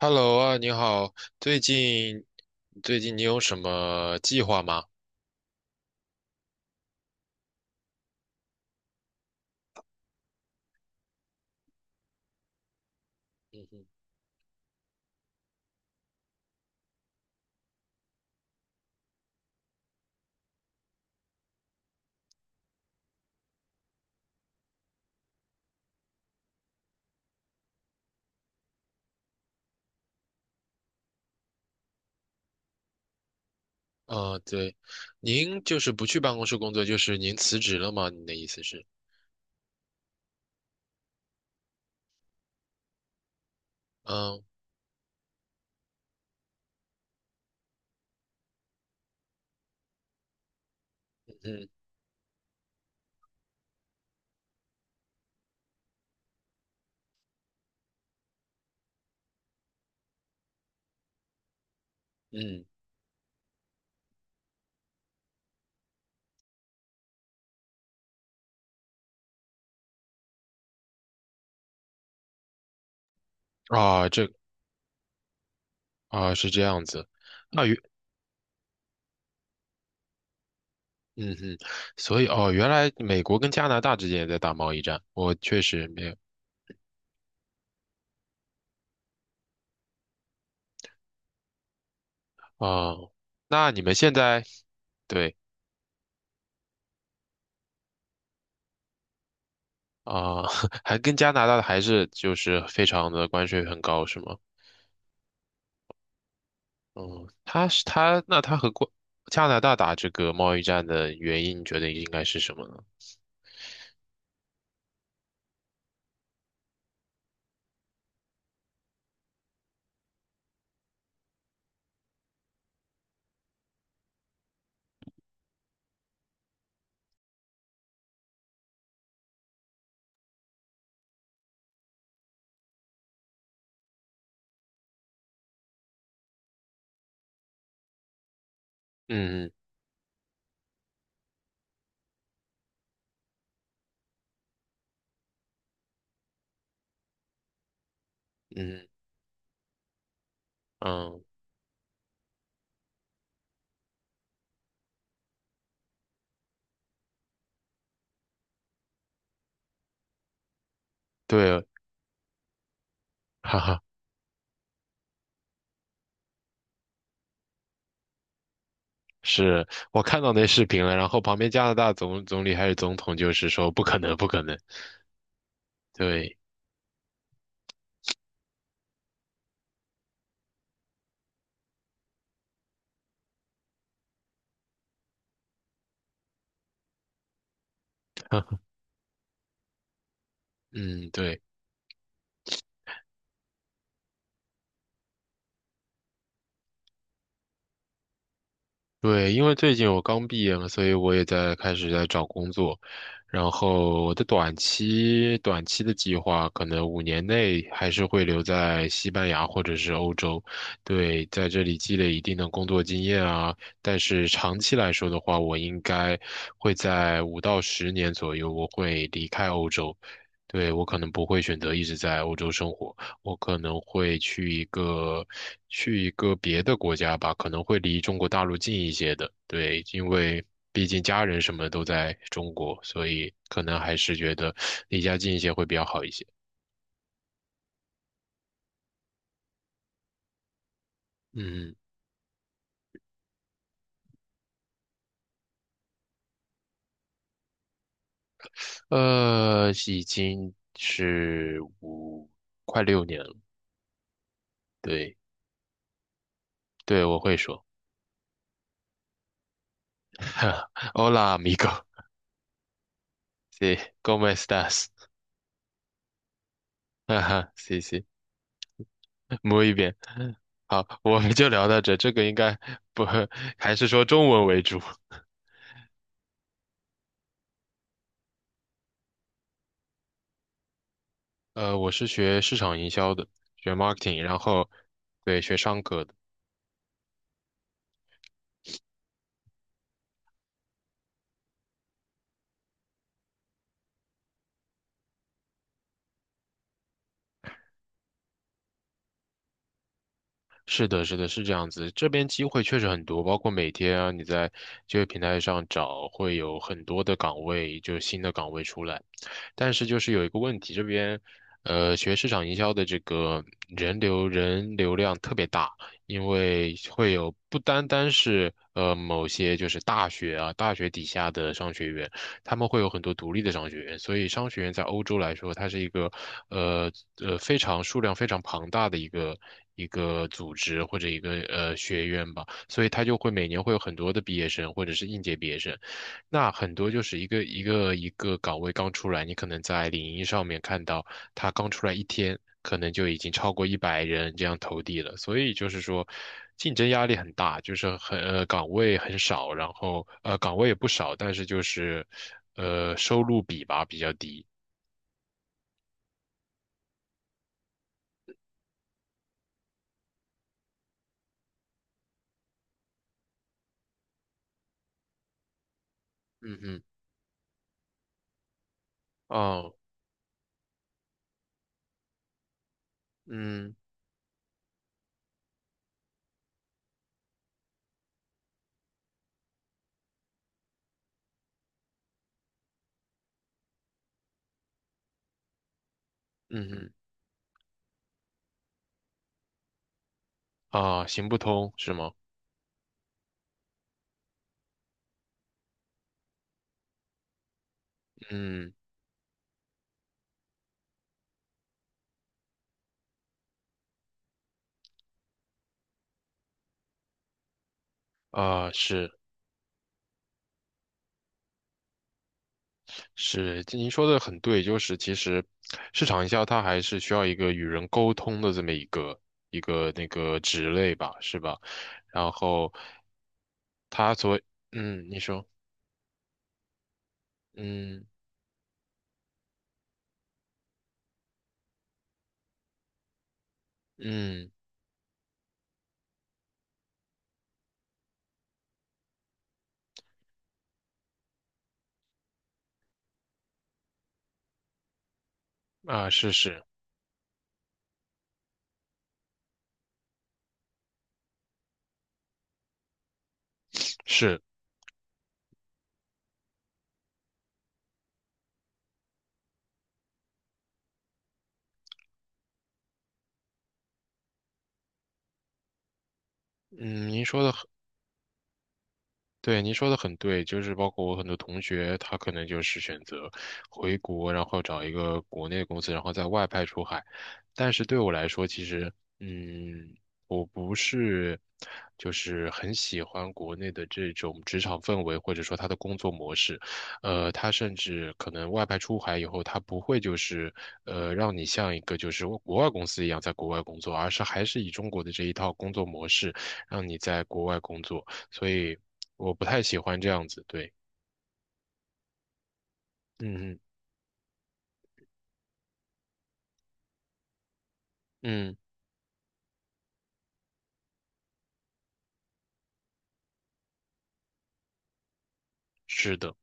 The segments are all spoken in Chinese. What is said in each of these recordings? Hello 啊，你好。最近最近你有什么计划吗？嗯哼。啊，对，您就是不去办公室工作，就是您辞职了吗？你的意思是？嗯嗯嗯。啊，啊是这样子。啊原嗯哼。所以哦，原来美国跟加拿大之间也在打贸易战，我确实没有。啊。那你们现在。对。啊，还跟加拿大的还是就是非常的关税很高是吗？哦，他是他，那他和过加拿大打这个贸易战的原因，你觉得应该是什么呢？嗯嗯嗯。对。哈哈。是，我看到那视频了，然后旁边加拿大总理还是总统就是说不可能，不可能。对，嗯对。对，因为最近我刚毕业嘛，所以我也在开始在找工作。然后我的短期的计划，可能5年内还是会留在西班牙或者是欧洲。对，在这里积累一定的工作经验啊。但是长期来说的话，我应该会在5到10年左右，我会离开欧洲。对，我可能不会选择一直在欧洲生活。我可能会去一个别的国家吧，可能会离中国大陆近一些的。对，因为毕竟家人什么都在中国，所以可能还是觉得离家近一些会比较好一些。嗯。已经是快6年了。对。对，我会说 ，Hola amigo，sí，cómo estás？哈哈，谢谢。摸一遍。好，我们就聊到这，这个应该不，还是说中文为主。我是学市场营销的，学 marketing，然后对，学商科的。是的，是的，是这样子。这边机会确实很多，包括每天啊，你在就业平台上找，会有很多的岗位，就新的岗位出来。但是就是有一个问题，这边学市场营销的这个人流量特别大。因为会有不单单是某些就是大学底下的商学院，他们会有很多独立的商学院，所以商学院在欧洲来说，它是一个呃非常，数量非常庞大的一个。一个组织或者一个学院吧，所以它就会每年会有很多的毕业生或者是应届毕业生。那很多就是一个一个岗位刚出来，你可能在领英上面看到他刚出来一天，可能就已经超过100人这样投递了。所以就是说，竞争压力很大，就是很岗位很少，然后岗位也不少，但是就是收入比吧比较低。嗯嗯。哦。嗯嗯哼。啊，行不通是吗？嗯，啊是。是，您说的很对，就是其实市场营销它还是需要一个与人沟通的这么一个那个职类吧，是吧？然后它所。嗯，你说。嗯嗯。啊，是是是。嗯。您说的很对，就是包括我很多同学，他可能就是选择回国，然后找一个国内的公司，然后在外派出海。但是对我来说，其实。嗯，我不是就是很喜欢国内的这种职场氛围，或者说他的工作模式。他甚至可能外派出海以后，他不会就是让你像一个就是国外公司一样在国外工作，而是还是以中国的这一套工作模式让你在国外工作。所以我不太喜欢这样子。对。嗯嗯嗯。是的。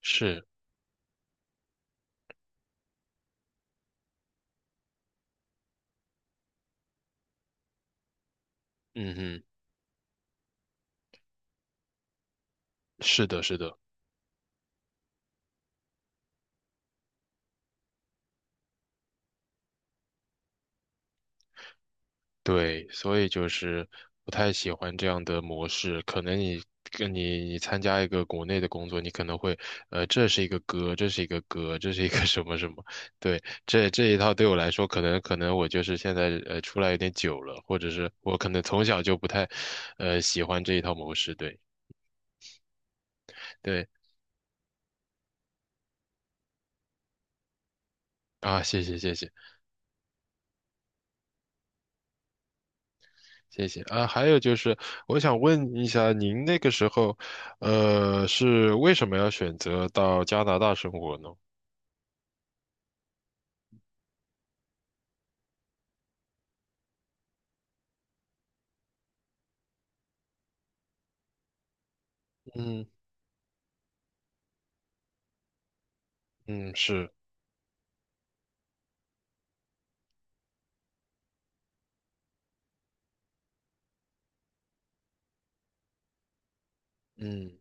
是。嗯哼。是的，是的。对，所以就是不太喜欢这样的模式。可能你跟你参加一个国内的工作，你可能会，呃，这是一个歌，这是一个歌，这是一个 什么什么。对，这一套对我来说，可能我就是现在出来有点久了，或者是我可能从小就不太，喜欢这一套模式。对。对，啊，谢谢谢谢。谢谢啊，还有就是，我想问一下，您那个时候，是为什么要选择到加拿大生活呢？嗯嗯。是。嗯。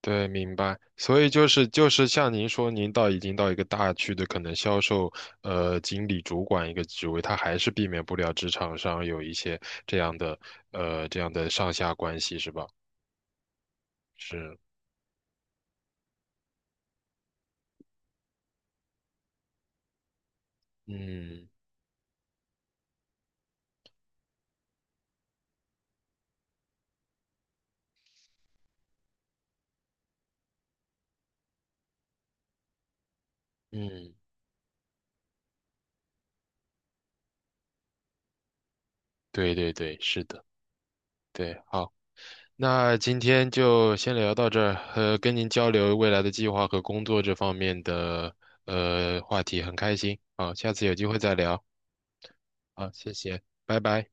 对，明白。所以就是像您说，您已经到一个大区的可能销售经理主管一个职位，他还是避免不了职场上有一些这样的这样的上下关系，是吧？是。嗯嗯。对对对，是的。对，好。那今天就先聊到这儿，跟您交流未来的计划和工作这方面的话题，很开心。好，下次有机会再聊。好，谢谢，拜拜。